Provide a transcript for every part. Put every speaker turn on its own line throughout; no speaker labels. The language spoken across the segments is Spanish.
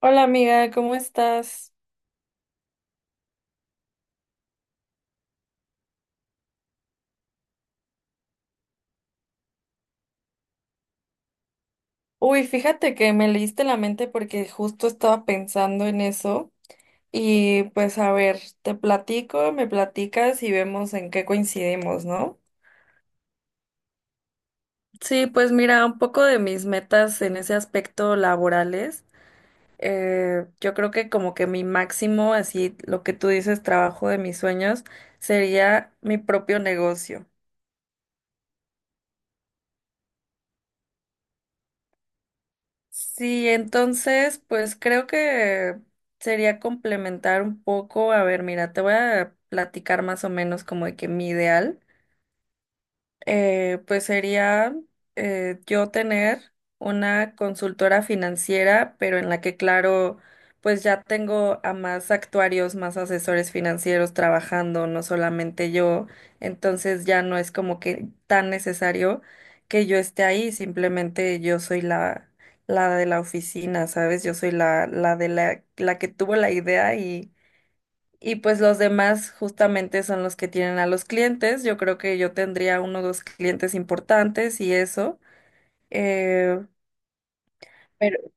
Hola amiga, ¿cómo estás? Uy, fíjate que me leíste la mente porque justo estaba pensando en eso y pues a ver, te platico, me platicas y vemos en qué coincidimos, ¿no? Sí, pues mira, un poco de mis metas en ese aspecto laborales. Yo creo que como que mi máximo, así lo que tú dices, trabajo de mis sueños, sería mi propio negocio. Sí, entonces, pues creo que sería complementar un poco. A ver, mira, te voy a platicar más o menos como de que mi ideal, pues sería, yo tener una consultora financiera, pero en la que, claro, pues ya tengo a más actuarios, más asesores financieros trabajando, no solamente yo. Entonces ya no es como que tan necesario que yo esté ahí, simplemente yo soy la de la oficina, ¿sabes? Yo soy la de la que tuvo la idea, y pues los demás justamente son los que tienen a los clientes. Yo creo que yo tendría uno o dos clientes importantes y eso. Eh, pero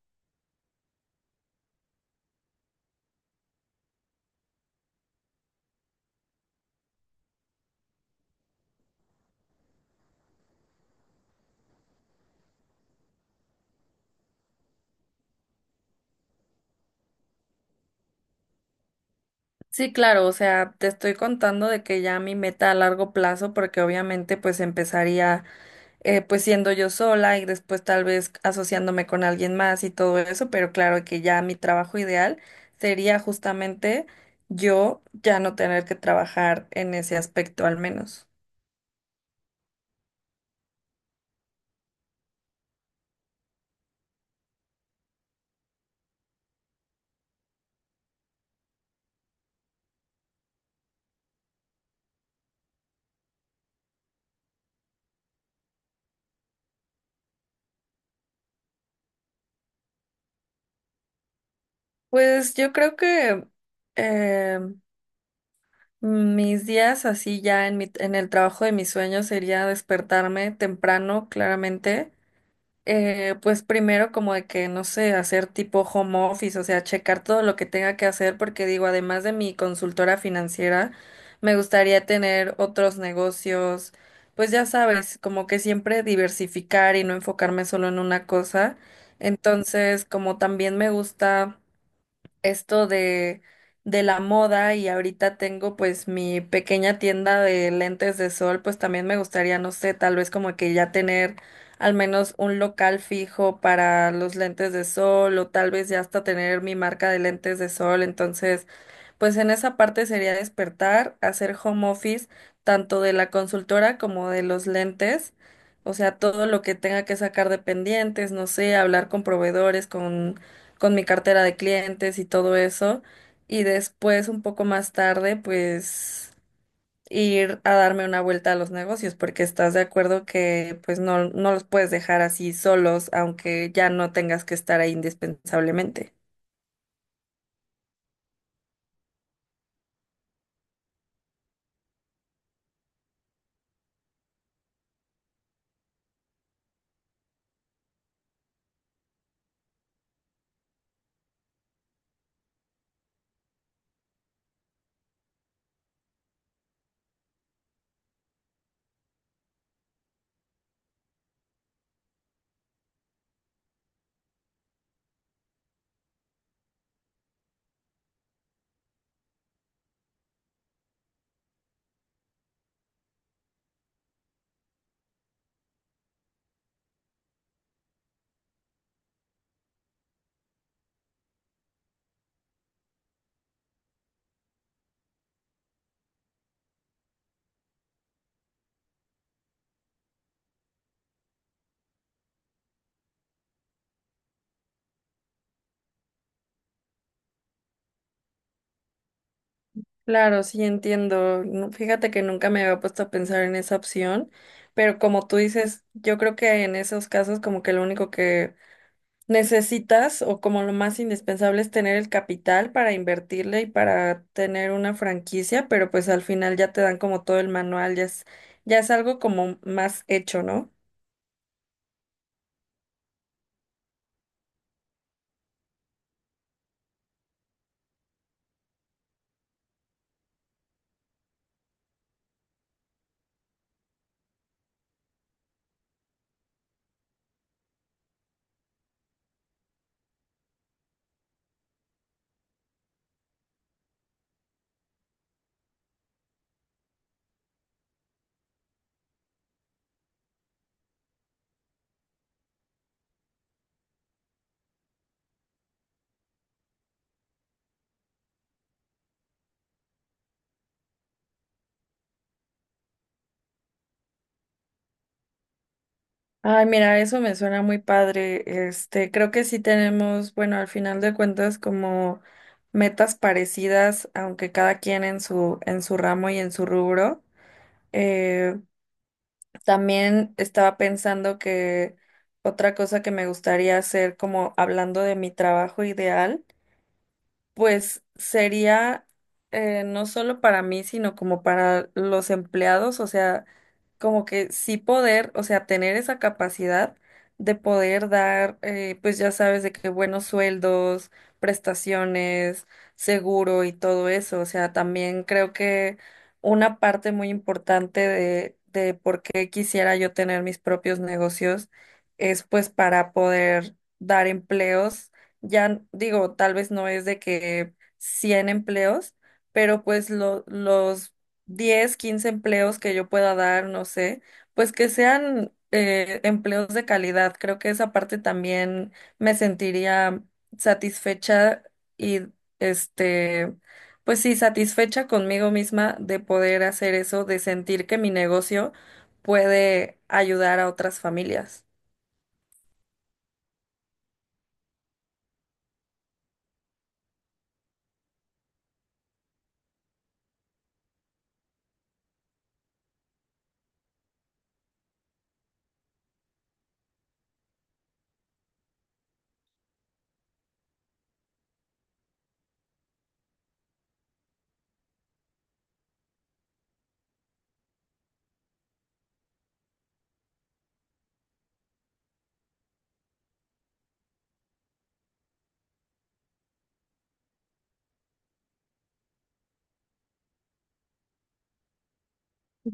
sí, claro, o sea, te estoy contando de que ya mi meta a largo plazo, porque obviamente pues empezaría, pues siendo yo sola y después tal vez asociándome con alguien más y todo eso, pero claro que ya mi trabajo ideal sería justamente yo ya no tener que trabajar en ese aspecto al menos. Pues yo creo que, eh, mis días así ya en el trabajo de mis sueños sería despertarme temprano, claramente. Pues primero como de que, no sé, hacer tipo home office, o sea, checar todo lo que tenga que hacer, porque digo, además de mi consultora financiera, me gustaría tener otros negocios, pues ya sabes, como que siempre diversificar y no enfocarme solo en una cosa. Entonces, como también me gusta esto de la moda y ahorita tengo pues mi pequeña tienda de lentes de sol, pues también me gustaría, no sé, tal vez como que ya tener al menos un local fijo para los lentes de sol, o tal vez ya hasta tener mi marca de lentes de sol. Entonces, pues en esa parte sería despertar, hacer home office tanto de la consultora como de los lentes, o sea, todo lo que tenga que sacar de pendientes, no sé, hablar con proveedores, con mi cartera de clientes y todo eso, y después un poco más tarde, pues ir a darme una vuelta a los negocios, porque estás de acuerdo que pues no, no los puedes dejar así solos, aunque ya no tengas que estar ahí indispensablemente. Claro, sí entiendo. No, fíjate que nunca me había puesto a pensar en esa opción, pero como tú dices, yo creo que en esos casos como que lo único que necesitas, o como lo más indispensable, es tener el capital para invertirle y para tener una franquicia, pero pues al final ya te dan como todo el manual, ya es algo como más hecho, ¿no? Ay, mira, eso me suena muy padre. Este, creo que sí tenemos, bueno, al final de cuentas, como metas parecidas, aunque cada quien en su ramo y en su rubro. Eh, También estaba pensando que otra cosa que me gustaría hacer, como hablando de mi trabajo ideal, pues sería, no solo para mí, sino como para los empleados, o sea, como que sí poder, o sea, tener esa capacidad de poder dar, pues ya sabes, de que buenos sueldos, prestaciones, seguro y todo eso. O sea, también creo que una parte muy importante de por qué quisiera yo tener mis propios negocios es pues para poder dar empleos. Ya digo, tal vez no es de que 100 empleos, pero pues los 10 15 empleos que yo pueda dar, no sé, pues que sean, empleos de calidad. Creo que esa parte también me sentiría satisfecha y este, pues sí, satisfecha conmigo misma de poder hacer eso, de sentir que mi negocio puede ayudar a otras familias.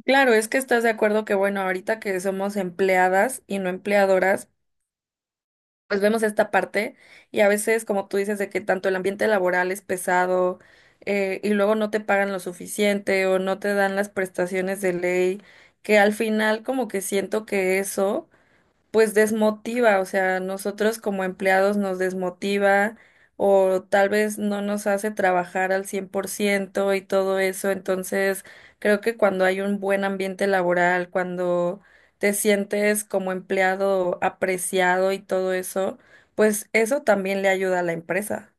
Claro, es que estás de acuerdo que, bueno, ahorita que somos empleadas y no empleadoras, pues vemos esta parte. Y a veces, como tú dices, de que tanto el ambiente laboral es pesado, y luego no te pagan lo suficiente o no te dan las prestaciones de ley, que al final como que siento que eso pues desmotiva, o sea, nosotros como empleados nos desmotiva, o tal vez no nos hace trabajar al 100% y todo eso. Entonces, creo que cuando hay un buen ambiente laboral, cuando te sientes como empleado apreciado y todo eso, pues eso también le ayuda a la empresa.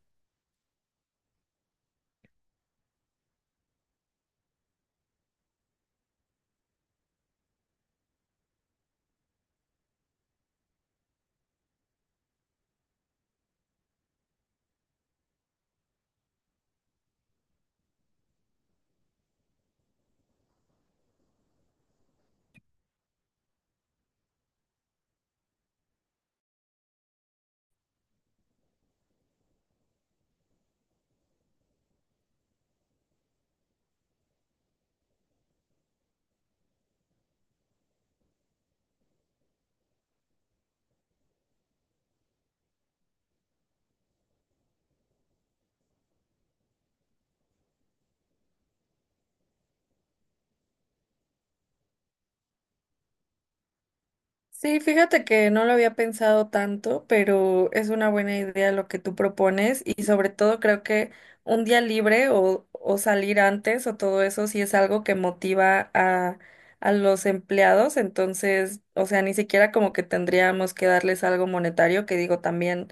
Sí, fíjate que no lo había pensado tanto, pero es una buena idea lo que tú propones, y sobre todo creo que un día libre, o, salir antes, o todo eso sí es algo que motiva a los empleados. Entonces, o sea, ni siquiera como que tendríamos que darles algo monetario, que digo también,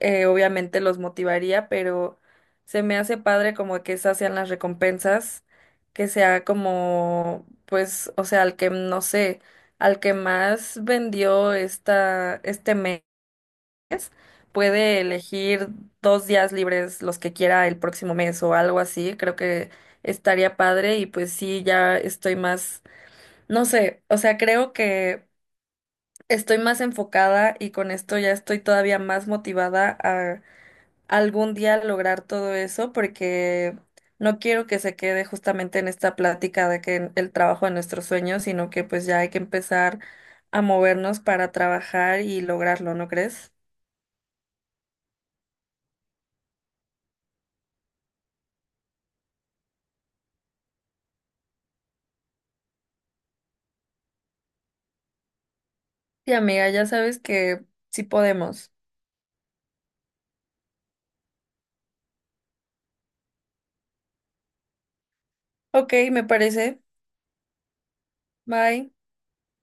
obviamente los motivaría, pero se me hace padre como que esas sean las recompensas, que sea como, pues, o sea, al que, no sé, al que más vendió este mes, puede elegir 2 días libres los que quiera el próximo mes o algo así. Creo que estaría padre y pues sí, ya estoy más, no sé, o sea, creo que... Estoy más enfocada, y con esto ya estoy todavía más motivada algún día lograr todo eso, porque no quiero que se quede justamente en esta plática de que el trabajo de nuestros sueños, sino que pues ya hay que empezar a movernos para trabajar y lograrlo, ¿no crees? Sí, amiga, ya sabes que sí podemos. Ok, me parece. Bye.